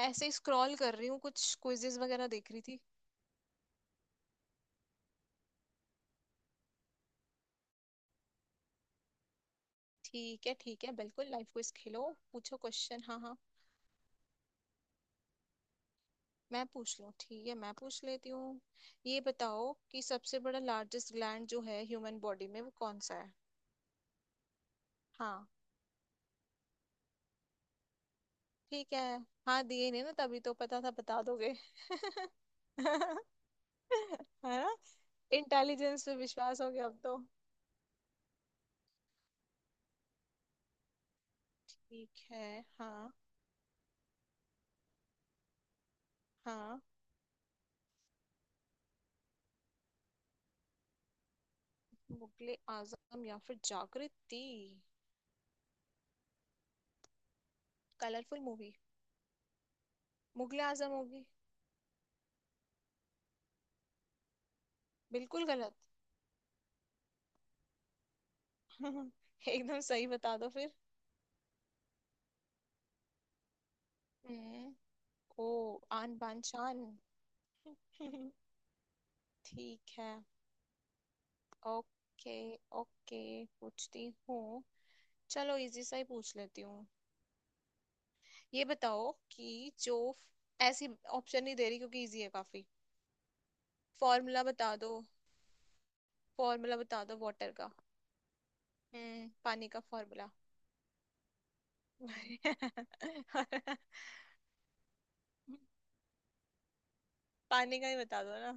ऐसे ही स्क्रॉल कर रही हूँ, कुछ क्विजेस वगैरह देख रही थी। ठीक है। ठीक है, बिल्कुल लाइफ क्विज खेलो। पूछो क्वेश्चन। हाँ, हाँ। मैं पूछ लूँ? ठीक है, मैं पूछ लेती हूँ। ये बताओ कि सबसे बड़ा लार्जेस्ट ग्लैंड जो है ह्यूमन बॉडी में, वो कौन सा है? हाँ। ठीक है। हाँ, दिए नहीं ना, तभी तो पता था बता दोगे। है ना। इंटेलिजेंस पे विश्वास हो गया अब तो। ठीक है। हाँ, हाँ। मुगले आजम या फिर जागृति। Colourful movie. मुगले आजम होगी। बिल्कुल गलत। एकदम सही बता दो फिर। हम्म। ओ। आन बान शान। ठीक है। ओके। ओके। पूछती हूँ। चलो, इजी सा ही पूछ लेती हूँ। ये बताओ कि जो ऐसी, ऑप्शन नहीं दे रही क्योंकि इजी है काफी। फॉर्मूला बता दो। फॉर्मूला बता दो वाटर का। पानी का फॉर्मूला। पानी का ही बता दो ना।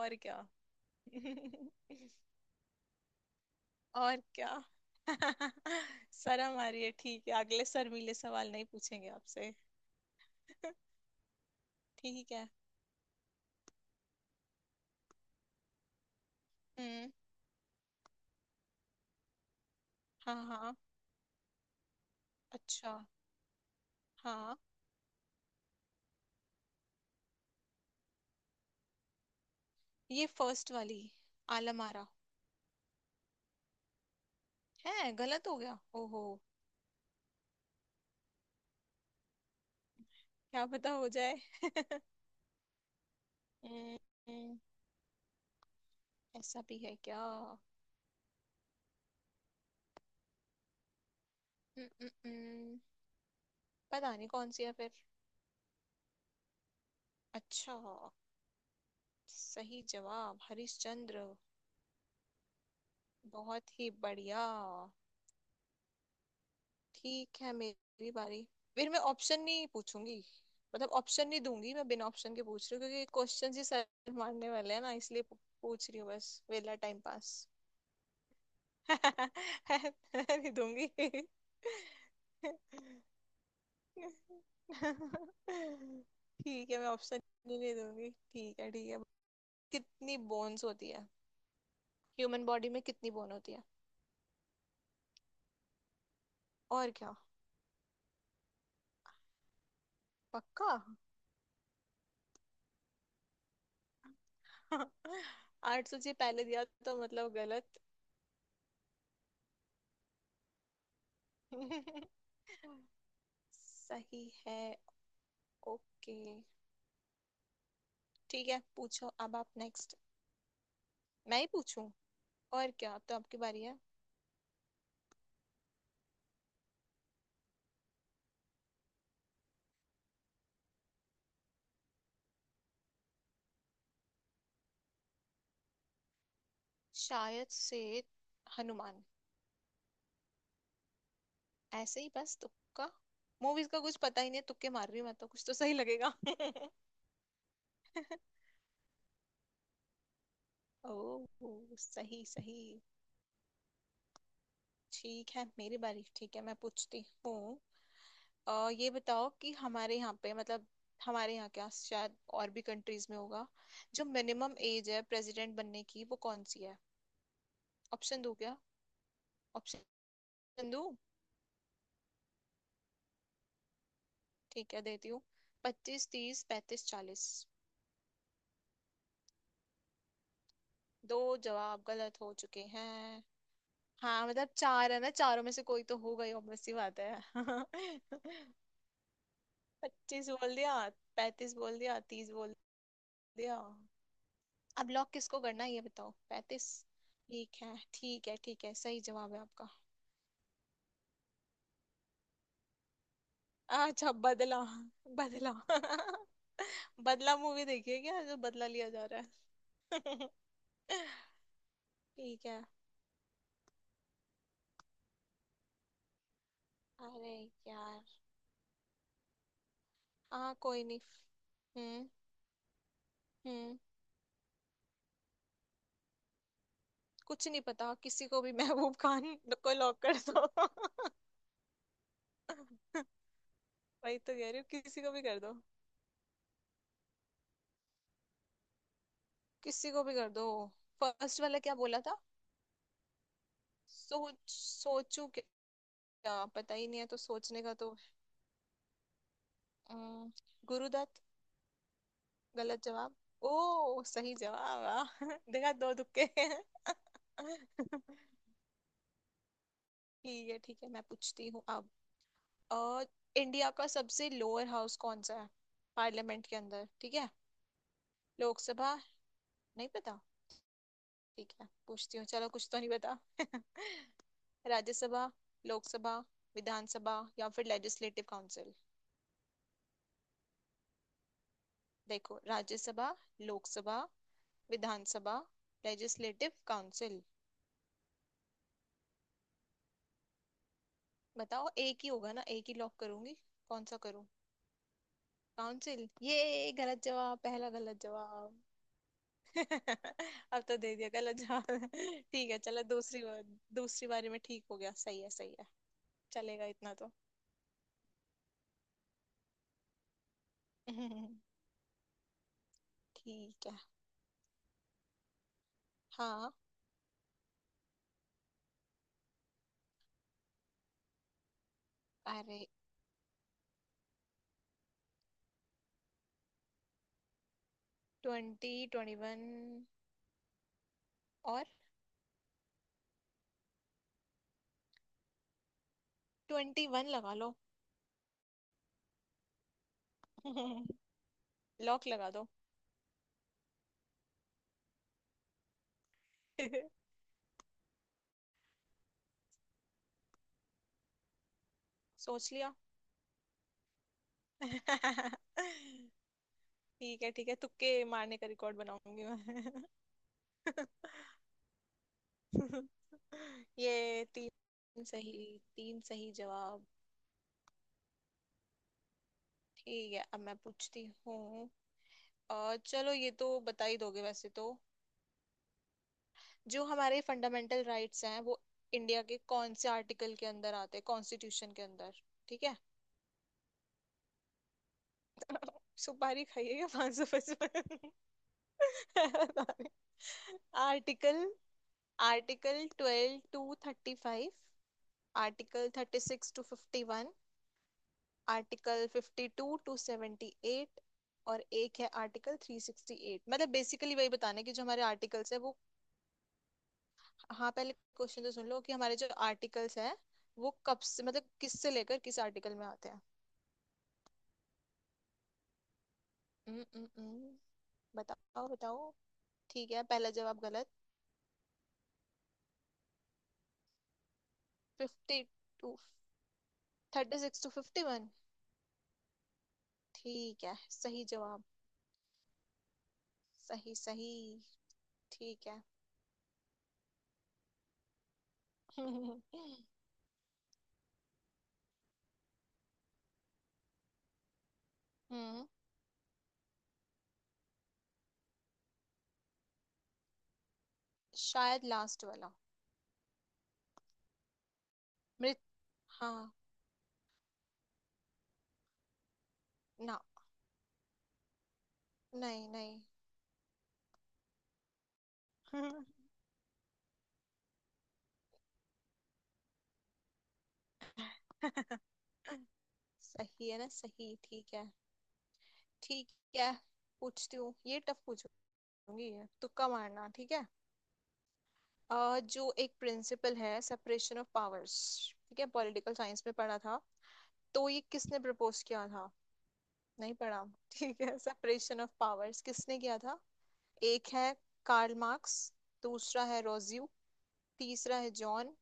और क्या। और क्या। शर्म आ रही है, ठीक है, अगले शर्मीले सवाल नहीं पूछेंगे आपसे। ठीक है। हम्म। हाँ, हाँ। अच्छा। हाँ। ये फर्स्ट वाली। आलमारा। है? गलत हो गया। ओहो। क्या पता हो जाए। हम्म। हम्म। ऐसा भी है क्या? हम्म। हम्म। हम्म। पता नहीं कौन सी है फिर। अच्छा। सही जवाब हरिश्चंद्र। बहुत ही बढ़िया। ठीक है, मेरी बारी। फिर मैं ऑप्शन नहीं पूछूंगी, मतलब ऑप्शन नहीं दूंगी। मैं बिना ऑप्शन के पूछ रही हूँ क्योंकि क्वेश्चन ही सर मारने वाले हैं ना, इसलिए पूछ रही हूँ, बस वेला टाइम पास। नहीं दूंगी। ठीक है, मैं ऑप्शन ही नहीं दूंगी। ठीक है। ठीक है। कितनी बोन्स होती है? ह्यूमन बॉडी में कितनी बोन होती है? और क्या। पक्का? 800 जी पहले दिया, तो मतलब गलत। सही है। ओके। ठीक है, पूछो अब आप। नेक्स्ट। मैं ही पूछूं? और क्या, अब तो आपकी बारी है। शायद से हनुमान। ऐसे ही बस तुक्का। मूवीज का कुछ पता ही नहीं है, तुक्के मार रही हूं मैं तो कुछ तो सही लगेगा। ओ। सही, सही। ठीक है, मेरी बारी। ठीक है, मैं पूछती हूँ। ये बताओ कि हमारे यहाँ पे मतलब, हमारे यहाँ क्या, शायद और भी कंट्रीज में होगा, जो मिनिमम एज है प्रेसिडेंट बनने की, वो कौन सी है? ऑप्शन दो क्या? ऑप्शन दो। ठीक है, देती हूँ। 25, 30, 35, 40। दो जवाब गलत हो चुके हैं। हाँ, मतलब चार है ना, चारों में से कोई तो होगा ही obvious सी बात है। 25 बोल दिया, 35 बोल दिया, 30 बोल दिया। अब लॉक किसको करना है, ये बताओ। 35? ठीक है, ठीक है, ठीक है, सही जवाब है आपका। अच्छा, बदला। बदला। बदला मूवी देखिए क्या, जो बदला लिया जा रहा है। ठीक है। अरे यार। हाँ, कोई नहीं। हम्म। हम्म। कुछ नहीं पता किसी को भी। महबूब खान को लॉक कर दो। वही तो कह रही हूँ, किसी को भी कर दो। किसी को भी कर दो। फर्स्ट वाला क्या बोला था? सोच, सोचू। क्या, पता ही नहीं है तो सोचने का तो। अम, गुरुदत्त। गलत जवाब। ओ सही जवाब। वाह। देखा, दो तुक्के। ठीक है। ठीक है, मैं पूछती हूँ अब। अ, इंडिया का सबसे लोअर हाउस कौन सा है, पार्लियामेंट के अंदर? ठीक है। लोकसभा। नहीं पता? ठीक है, पूछती हूँ। चलो, कुछ तो नहीं पता। राज्यसभा, लोकसभा, विधानसभा या फिर लेजिस्लेटिव काउंसिल। देखो, राज्यसभा, लोकसभा, विधानसभा, लेजिस्लेटिव काउंसिल। बताओ, एक ही होगा ना, एक ही लॉक करूंगी। कौन सा करूं? काउंसिल? ये गलत जवाब, पहला गलत जवाब। अब तो दे दिया गलत जवाब। ठीक है, चलो दूसरी बार। दूसरी बारी में ठीक हो गया। सही है, सही है। चलेगा इतना तो। ठीक है। हाँ। अरे, 2021। और 21 लगा लो। लॉक लगा दो। सोच लिया। ठीक है, ठीक है, तुक्के मारने का रिकॉर्ड बनाऊंगी मैं। ये तीन सही, तीन सही जवाब। ठीक है, अब मैं पूछती हूँ। चलो, ये तो बता ही दोगे वैसे तो। जो हमारे फंडामेंटल राइट्स हैं, वो इंडिया के कौन से आर्टिकल के अंदर आते हैं, कॉन्स्टिट्यूशन के अंदर? ठीक है, सुपारी खाइएगा, 555 article. Article 12 to 35, article 36 to 51, article 52 to 78, और एक है आर्टिकल 368। मतलब बेसिकली वही बताना है कि जो हमारे आर्टिकल्स है वो। हाँ, पहले क्वेश्चन तो सुन लो, कि हमारे जो आर्टिकल्स है वो कब से, मतलब किस से लेकर किस आर्टिकल में आते हैं। हम्म। हम्म। हम्म। बताओ, बताओ। ठीक है, पहला जवाब गलत। 52, 36 टू फिफ्टी वन। ठीक है, सही जवाब। सही, सही। ठीक है। हम्म शायद लास्ट वाला। मृत। हाँ। ना। नहीं, नहीं। सही है ना, सही। ठीक है। ठीक है, पूछती हूँ। ये टफ पूछूंगी, ये तुक्का मारना ठीक है। जो एक प्रिंसिपल है, सेपरेशन ऑफ पावर्स। ठीक है, पॉलिटिकल साइंस में पढ़ा था। तो ये किसने प्रपोज किया था? नहीं पढ़ा? ठीक है, सेपरेशन ऑफ पावर्स किसने किया था? एक है कार्ल मार्क्स, दूसरा है रोज्यू, तीसरा है जॉन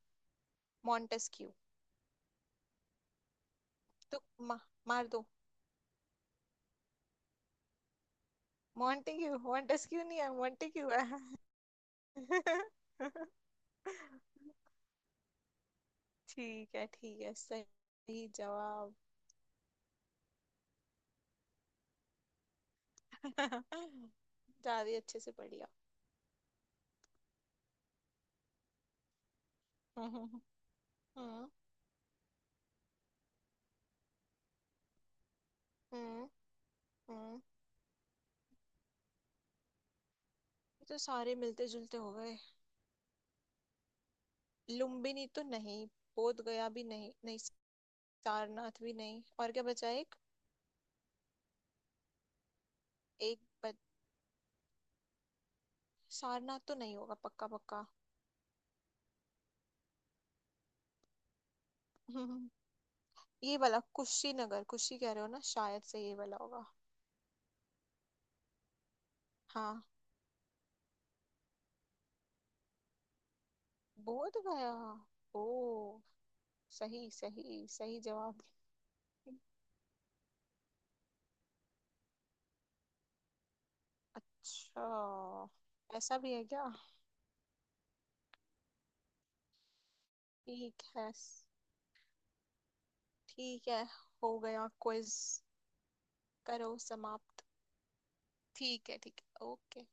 मॉन्टेस्क्यू। तो मा, मार दो मॉन्टेग्यू। मॉन्टेस्क्यू नहीं है, मॉन्टेग्यू है। ठीक है, ठीक है, सही जवाब। ज्यादा अच्छे से पढ़िया। हम्म। हम्म, हम्म, हम्म। ये तो सारे मिलते जुलते हो गए। लुम्बिनी तो नहीं। बोध गया भी नहीं, नहीं। सारनाथ भी नहीं। और क्या बचा? एक, एक। सारनाथ तो नहीं होगा पक्का, पक्का। ये वाला कुशीनगर। कुशी कह रहे हो ना, शायद से ये वाला होगा। हाँ। बोध गया? ओ सही, सही, सही जवाब। अच्छा, ऐसा भी है क्या? ठीक है। ठीक है, हो गया क्विज। करो समाप्त। ठीक है। ठीक है। ओके।